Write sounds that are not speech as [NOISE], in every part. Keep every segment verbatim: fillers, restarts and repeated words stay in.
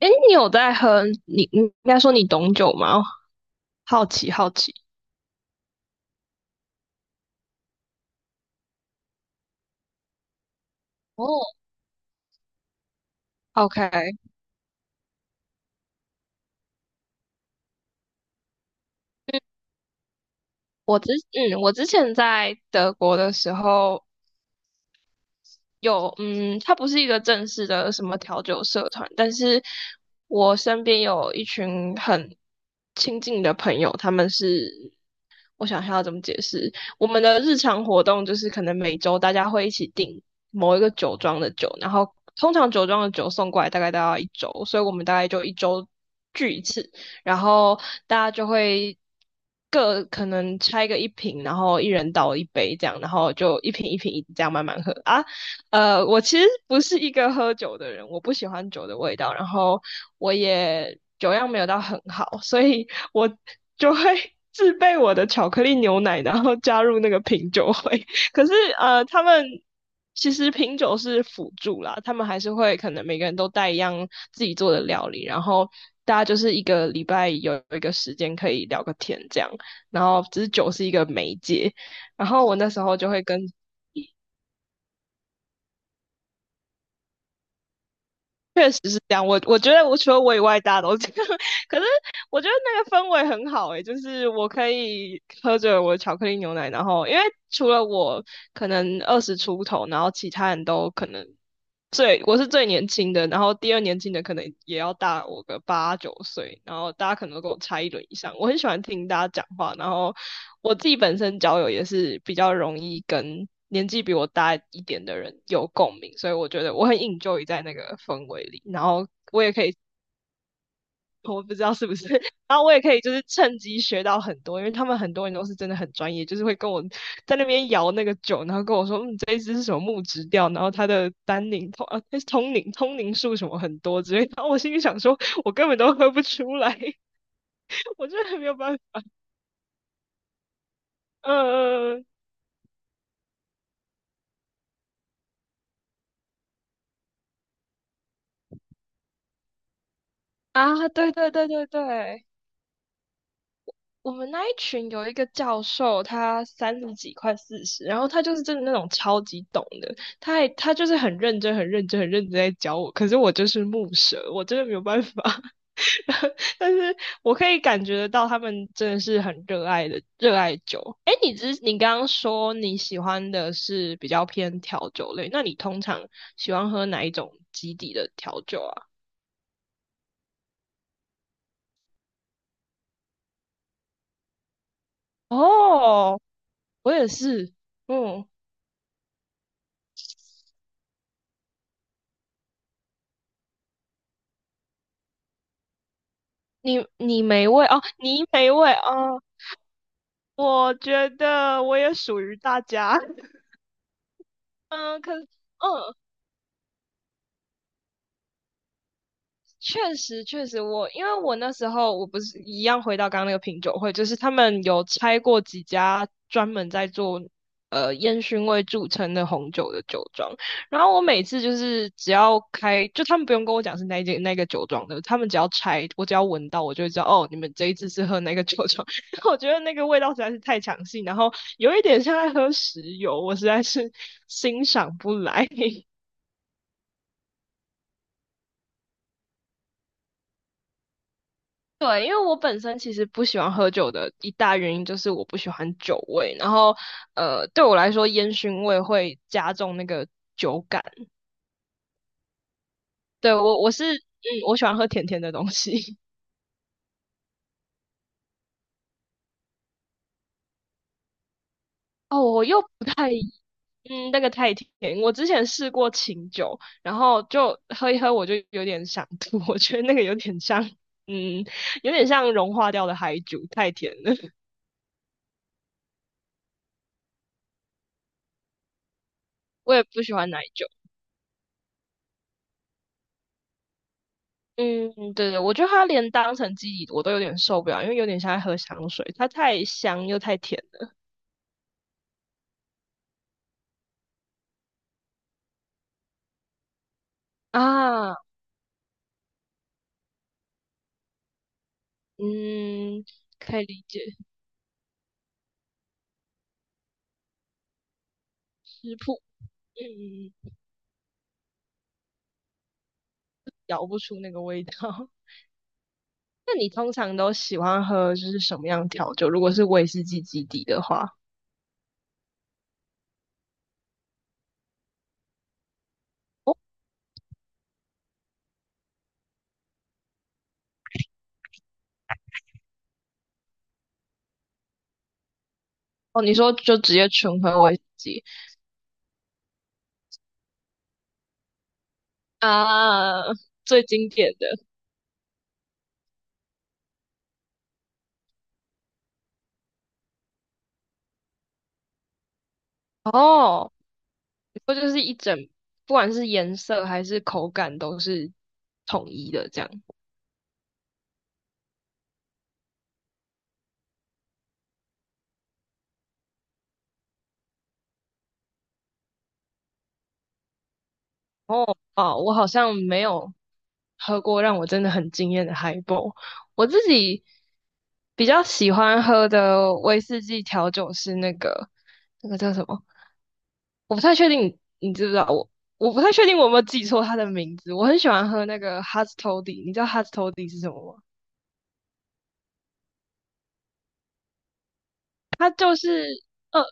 哎，你有在喝？你你应该说你懂酒吗？好奇好奇。哦，OK，嗯，我之嗯，我之前在德国的时候有，嗯，它不是一个正式的什么调酒社团，但是我身边有一群很亲近的朋友，他们是我想一下要怎么解释。我们的日常活动就是可能每周大家会一起订某一个酒庄的酒，然后通常酒庄的酒送过来大概都要一周，所以我们大概就一周聚一次，然后大家就会各可能拆个一瓶，然后一人倒一杯这样，然后就一瓶一瓶一直这样慢慢喝啊。呃，我其实不是一个喝酒的人，我不喜欢酒的味道，然后我也酒量没有到很好，所以我就会自备我的巧克力牛奶，然后加入那个品酒会。[LAUGHS] 可是呃，他们其实品酒是辅助啦，他们还是会可能每个人都带一样自己做的料理，然后大家就是一个礼拜有一个时间可以聊个天这样，然后只是酒是一个媒介，然后我那时候就会跟这样。我我觉得我除了我以外，大家都这样。[LAUGHS] 可是我觉得那个氛围很好诶、欸就是我可以喝着我的巧克力牛奶，然后因为除了我可能二十出头，然后其他人都可能最我是最年轻的，然后第二年轻的可能也要大我个八九岁，然后大家可能都跟我差一轮以上。我很喜欢听大家讲话，然后我自己本身交友也是比较容易跟年纪比我大一点的人有共鸣，所以我觉得我很 enjoy 在那个氛围里，然后我也可以，我不知道是不是，然后我也可以就是趁机学到很多，因为他们很多人都是真的很专业，就是会跟我在那边摇那个酒，然后跟我说，嗯，这一支是什么木质调，然后它的单宁通啊，它是通宁通宁数什么很多之类的，然后我心里想说，我根本都喝不出来，[LAUGHS] 我真的没有办法，嗯、呃，啊，对对对对对。我们那一群有一个教授，他三十几快四十，然后他就是真的那种超级懂的，他还他就是很认真、很认真、很认真在教我，可是我就是木蛇，我真的没有办法。[LAUGHS] 但是我可以感觉得到，他们真的是很热爱的热爱酒。哎，你之你刚刚说你喜欢的是比较偏调酒类，那你通常喜欢喝哪一种基底的调酒啊？哦，我也是，嗯。你你没味哦，你没味哦，我觉得我也属于大家。[LAUGHS] 嗯，可嗯，确实，确实我，因为我那时候我不是一样回到刚刚那个品酒会，就是他们有拆过几家专门在做呃烟熏味著称的红酒的酒庄，然后我每次就是只要开，就他们不用跟我讲是哪一间那个酒庄的，他们只要拆，我只要闻到，我就会知道哦，你们这一次是喝那个酒庄。[LAUGHS] 我觉得那个味道实在是太强性，然后有一点像在喝石油，我实在是欣赏不来。[LAUGHS] 对，因为我本身其实不喜欢喝酒的一大原因就是我不喜欢酒味，然后呃，对我来说烟熏味会加重那个酒感。对，我我是嗯，我喜欢喝甜甜的东西。[LAUGHS] 哦，我又不太嗯，那个太甜。我之前试过清酒，然后就喝一喝，我就有点想吐，[LAUGHS] 我觉得那个有点像嗯，有点像融化掉的海酒，太甜了。[LAUGHS] 我也不喜欢奶酒。嗯，对对，我觉得它连当成基底我都有点受不了，因为有点像在喝香水，它太香又太甜了啊。嗯，可以理解，食谱，嗯，咬不出那个味道。[LAUGHS] 那你通常都喜欢喝就是什么样的调酒？如果是威士忌基底的话，哦，哦，你说就直接纯喝威士忌啊，最经典的哦，你说就是一整，不管是颜色还是口感都是统一的这样。哦，哦，我好像没有喝过让我真的很惊艳的 h i g h b 我自己比较喜欢喝的威士忌调酒是那个那个叫什么？我不太确定你，知不知道我？我不太确定我有没有记错它的名字。我很喜欢喝那个 Hastody，你知道 Hastody 是什么吗？它就是呃。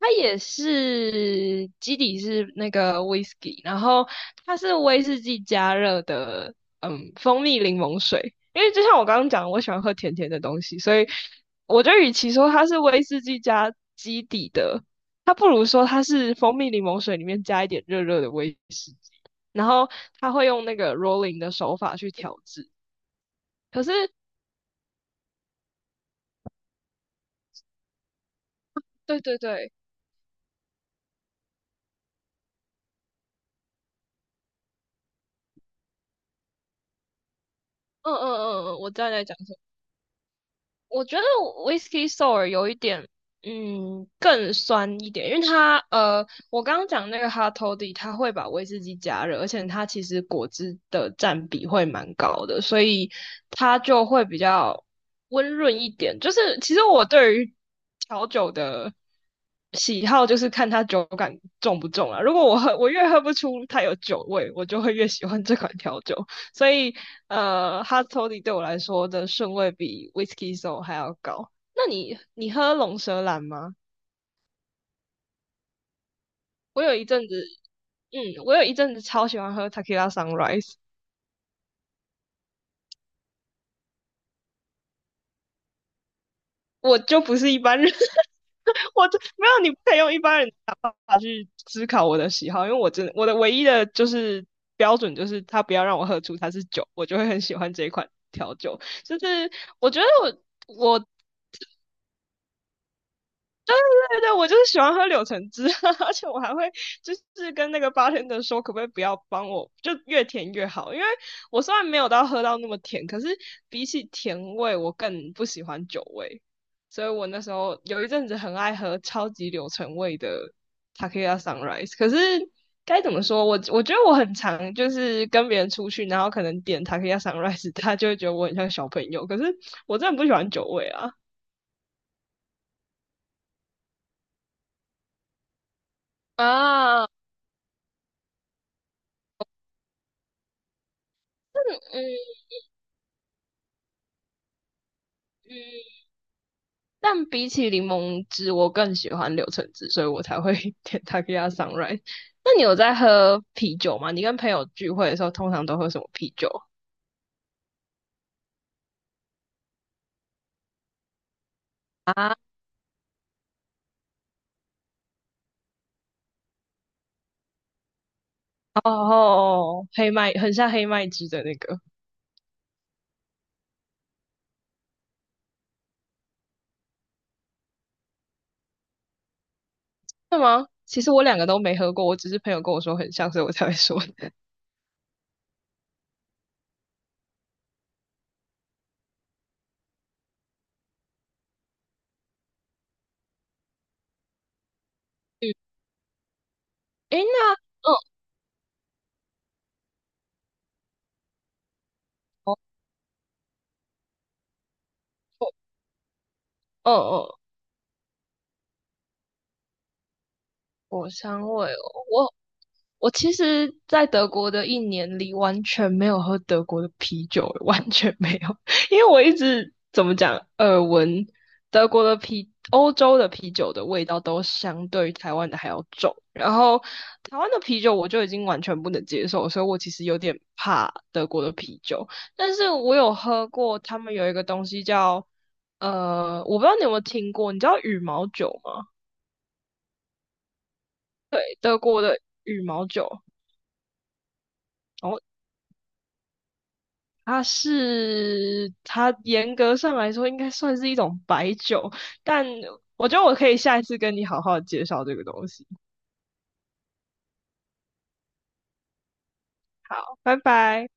它也是基底是那个威士忌，然后它是威士忌加热的，嗯，蜂蜜柠檬水。因为就像我刚刚讲，我喜欢喝甜甜的东西，所以我觉得与其说它是威士忌加基底的，它不如说它是蜂蜜柠檬水里面加一点热热的威士忌，然后它会用那个 rolling 的手法去调制。可是，对对对，嗯嗯嗯嗯，我知道你在讲什么。我觉得 Whisky Sour 有一点，嗯，更酸一点，因为它，呃，我刚刚讲那个 Hot Toddy，它会把威士忌加热，而且它其实果汁的占比会蛮高的，所以它就会比较温润一点。就是其实我对于调酒的喜好，就是看它酒感重不重啊。如果我喝，我越喝不出它有酒味，我就会越喜欢这款调酒。所以呃，Hard Toddy 对我来说的顺位比 Whisky Sour 还要高。那你你喝龙舌兰吗？我有一阵子，嗯，我有一阵子超喜欢喝 Tequila Sunrise，我就不是一般人。[LAUGHS] 我就没有，你不可以用一般人的法去思考我的喜好，因为我真的我的唯一的就是标准就是他不要让我喝出它是酒，我就会很喜欢这一款调酒。就是我觉得我我对对，我就是喜欢喝柳橙汁，[LAUGHS] 而且我还会就是跟那个八天的说，可不可以不要帮我，就越甜越好，因为我虽然没有到喝到那么甜，可是比起甜味，我更不喜欢酒味，所以我那时候有一阵子很爱喝超级柳橙味的 t a k i y a Sunrise，可是。该怎么说？我我觉得我很常就是跟别人出去，然后可能点 t a k i y a Sunrise，[LAUGHS] 他就会觉得我很像小朋友。可是我真的不喜欢酒味啊。啊，嗯嗯，但比起柠檬汁，我更喜欢柳橙汁，所以我才会 [LAUGHS] 点 t e q u i a Sunrise。那你有在喝啤酒吗？你跟朋友聚会的时候，通常都喝什么啤酒啊？哦，哦哦，黑麦，很像黑麦汁的那个，是吗？其实我两个都没喝过，我只是朋友跟我说很像，所以我才会说的。[LAUGHS] 嗯，诶，那，嗯，哦，哦，哦，果香味哦，我我其实，在德国的一年里，完全没有喝德国的啤酒，完全没有，[LAUGHS] 因为我一直怎么讲，耳闻德国的啤、欧洲的啤酒的味道都相对于台湾的还要重，然后台湾的啤酒我就已经完全不能接受，所以我其实有点怕德国的啤酒，但是我有喝过他们有一个东西叫，呃，我不知道你有没有听过，你知道羽毛酒吗？德国的羽毛酒。哦，它是它严格上来说应该算是一种白酒，但我觉得我可以下一次跟你好好地介绍这个东西。拜拜。